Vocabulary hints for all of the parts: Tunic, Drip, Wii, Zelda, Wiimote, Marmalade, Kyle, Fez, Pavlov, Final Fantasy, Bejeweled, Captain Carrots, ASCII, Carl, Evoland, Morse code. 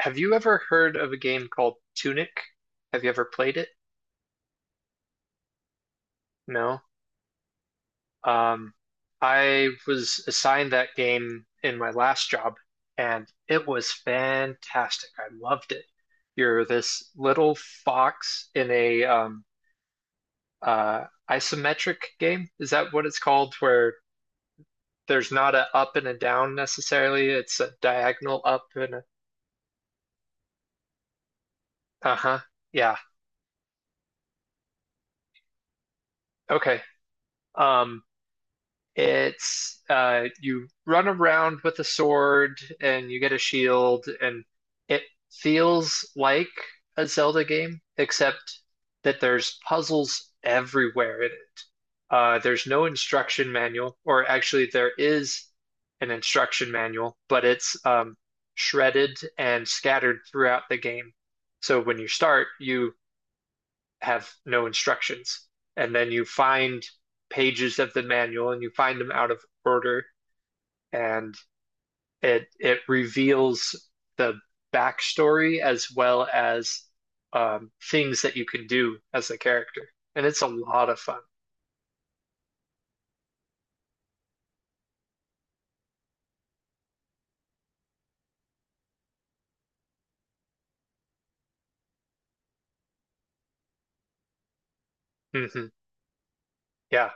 Have you ever heard of a game called Tunic? Have you ever played it? No. Um, I was assigned that game in my last job, and it was fantastic. I loved it. You're this little fox in a isometric game. Is that what it's called? Where there's not a up and a down necessarily. It's a diagonal up and a, uh-huh. Yeah. Okay. Um, It's you run around with a sword and you get a shield, and it feels like a Zelda game, except that there's puzzles everywhere in it. There's no instruction manual, or actually, there is an instruction manual, but it's shredded and scattered throughout the game. So when you start, you have no instructions. And then you find pages of the manual and you find them out of order and it reveals the backstory as well as things that you can do as a character. And it's a lot of fun. hmm Yeah.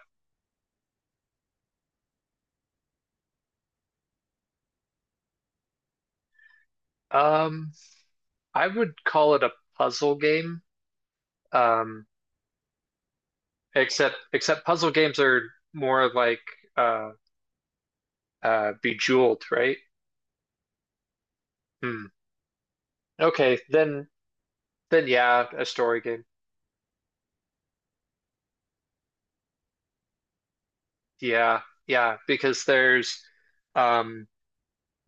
Um, I would call it a puzzle game. Um, except puzzle games are more like uh, Bejeweled, right? Hmm. Okay, then yeah, a story game. Yeah, yeah, because there's um,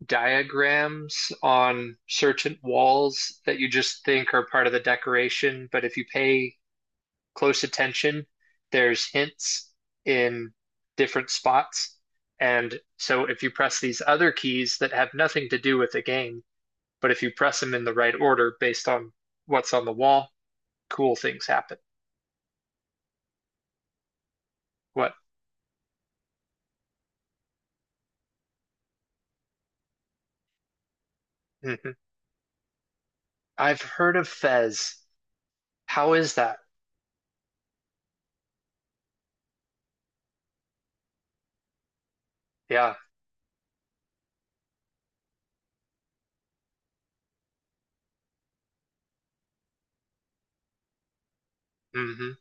diagrams on certain walls that you just think are part of the decoration, but if you pay close attention, there's hints in different spots. And so if you press these other keys that have nothing to do with the game, but if you press them in the right order based on what's on the wall, cool things happen. What? Hmm. I've heard of Fez. How is that? Yeah. Hmm.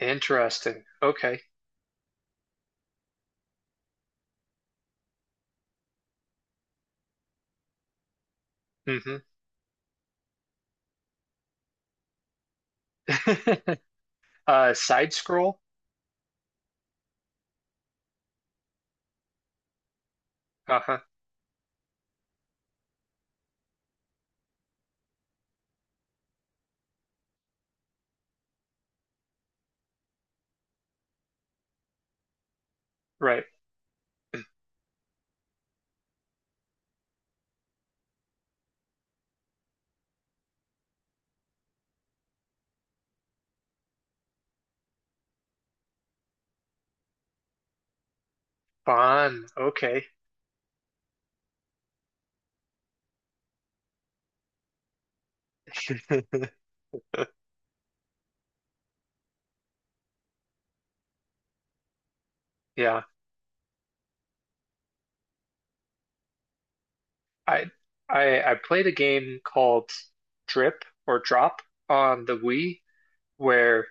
Interesting. Okay. Hmm. Uh, side scroll. Uh-huh. Right. Bon. Okay. Yeah. I I played a game called Drip or Drop on the Wii where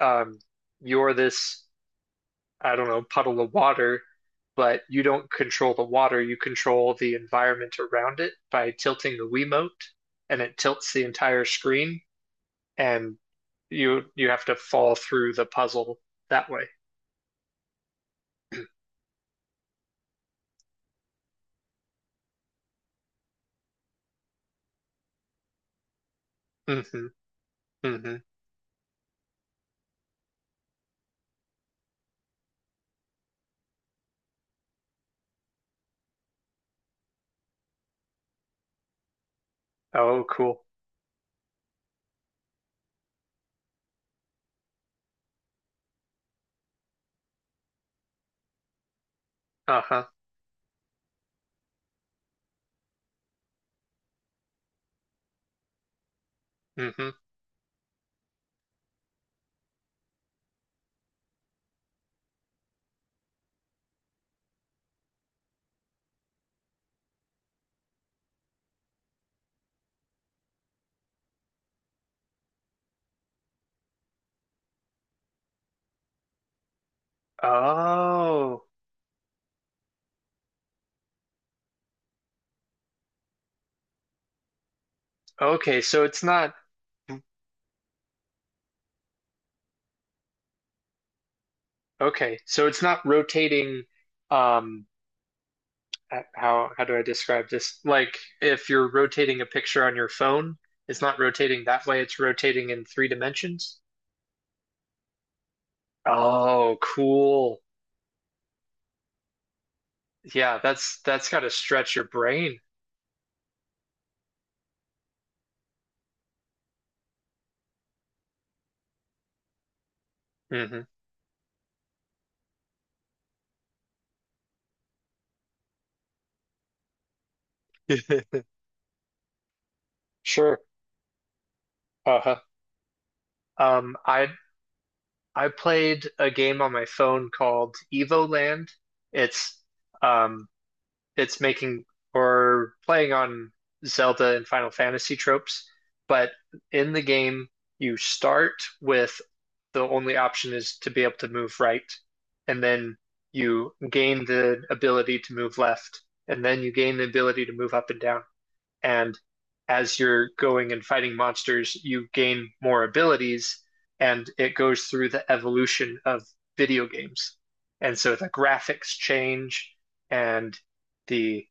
um you're this, I don't know, puddle of water, but you don't control the water, you control the environment around it by tilting the Wiimote, and it tilts the entire screen. And you have to fall through the puzzle that way. Hmm. Hmm. Oh, cool. Uh-huh. Hmm. Oh, okay. So it's not rotating. Um, how do I describe this? Like if you're rotating a picture on your phone, it's not rotating that way. It's rotating in three dimensions. Oh, cool. Yeah, that's got to stretch your brain. Hmm. Sure. Uh-huh. Um, I I played a game on my phone called Evoland. It's um it's making or playing on Zelda and Final Fantasy tropes, but in the game you start with the only option is to be able to move right, and then you gain the ability to move left, and then you gain the ability to move up and down and as you're going and fighting monsters, you gain more abilities, and it goes through the evolution of video games. And so the graphics change, and the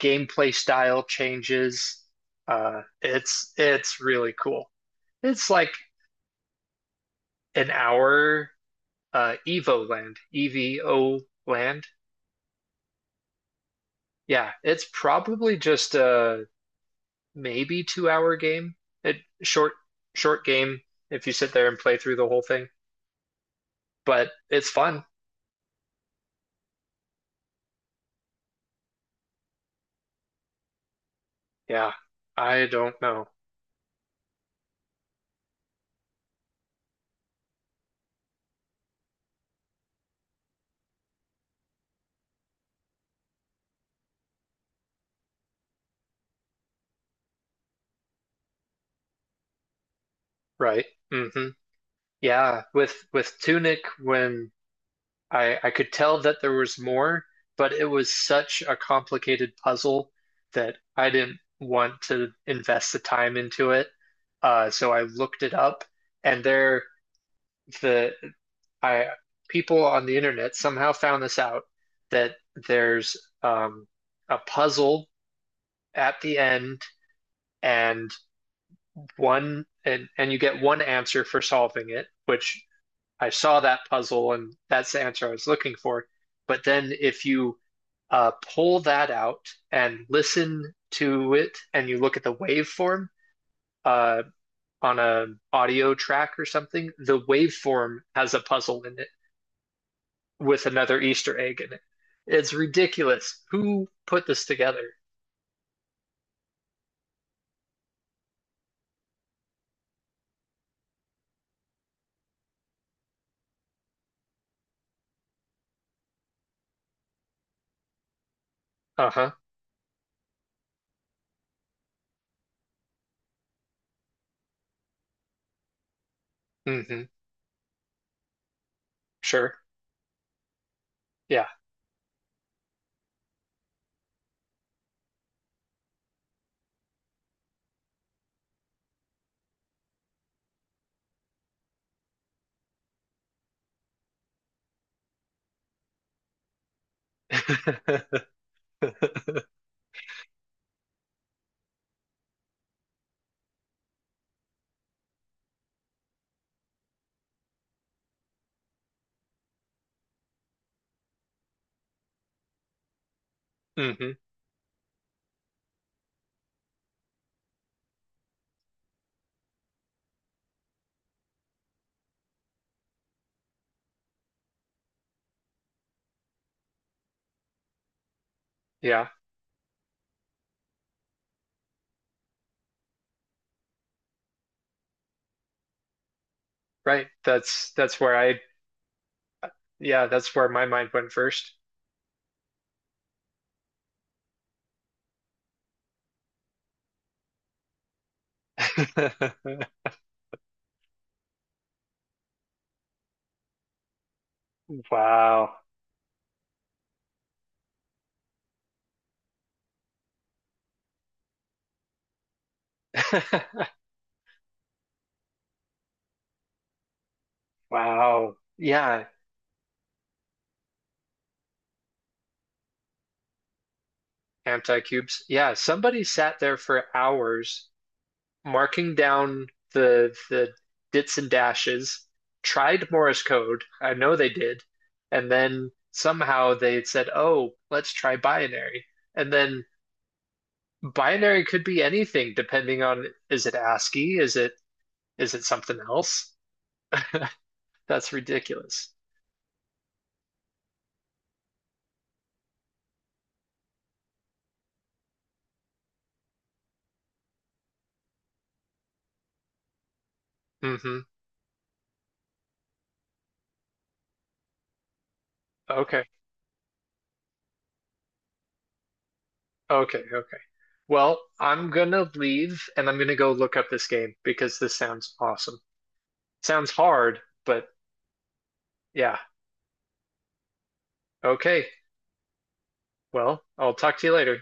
gameplay style changes. It's really cool. It's like an hour Evo Land, Evo Land. Yeah, it's probably just maybe 2 hour game. It short short game if you sit there and play through the whole thing, but it's fun. Yeah, I don't know. Right. Mm-hmm. Yeah, with Tunic when I could tell that there was more, but it was such a complicated puzzle that I didn't want to invest the time into it. So I looked it up, and there the I people on the internet somehow found this out that there's um, a puzzle at the end and one and you get one answer for solving it, which I saw that puzzle and that's the answer I was looking for. But then if you pull that out and listen to it and you look at the waveform uh, on a audio track or something, the waveform has a puzzle in it. With another Easter egg in it. It's ridiculous. Who put this together? Uh-huh. Mm-hmm. Sure. Yeah. Mm-hmm. Yeah. Right. That's where I yeah, that's where my mind went first. Wow. Wow. Yeah. Anti-cubes. Yeah, somebody sat there for hours marking down the dits and dashes, tried Morse code. I know they did, and then somehow they said, "Oh, let's try binary." And then binary could be anything depending on is it ASCII, is it something else? That's ridiculous. Hmm. Okay. Okay. Okay. Well, I'm gonna leave and I'm gonna go look up this game because this sounds awesome. Sounds hard, but yeah. Okay. Well, I'll talk to you later.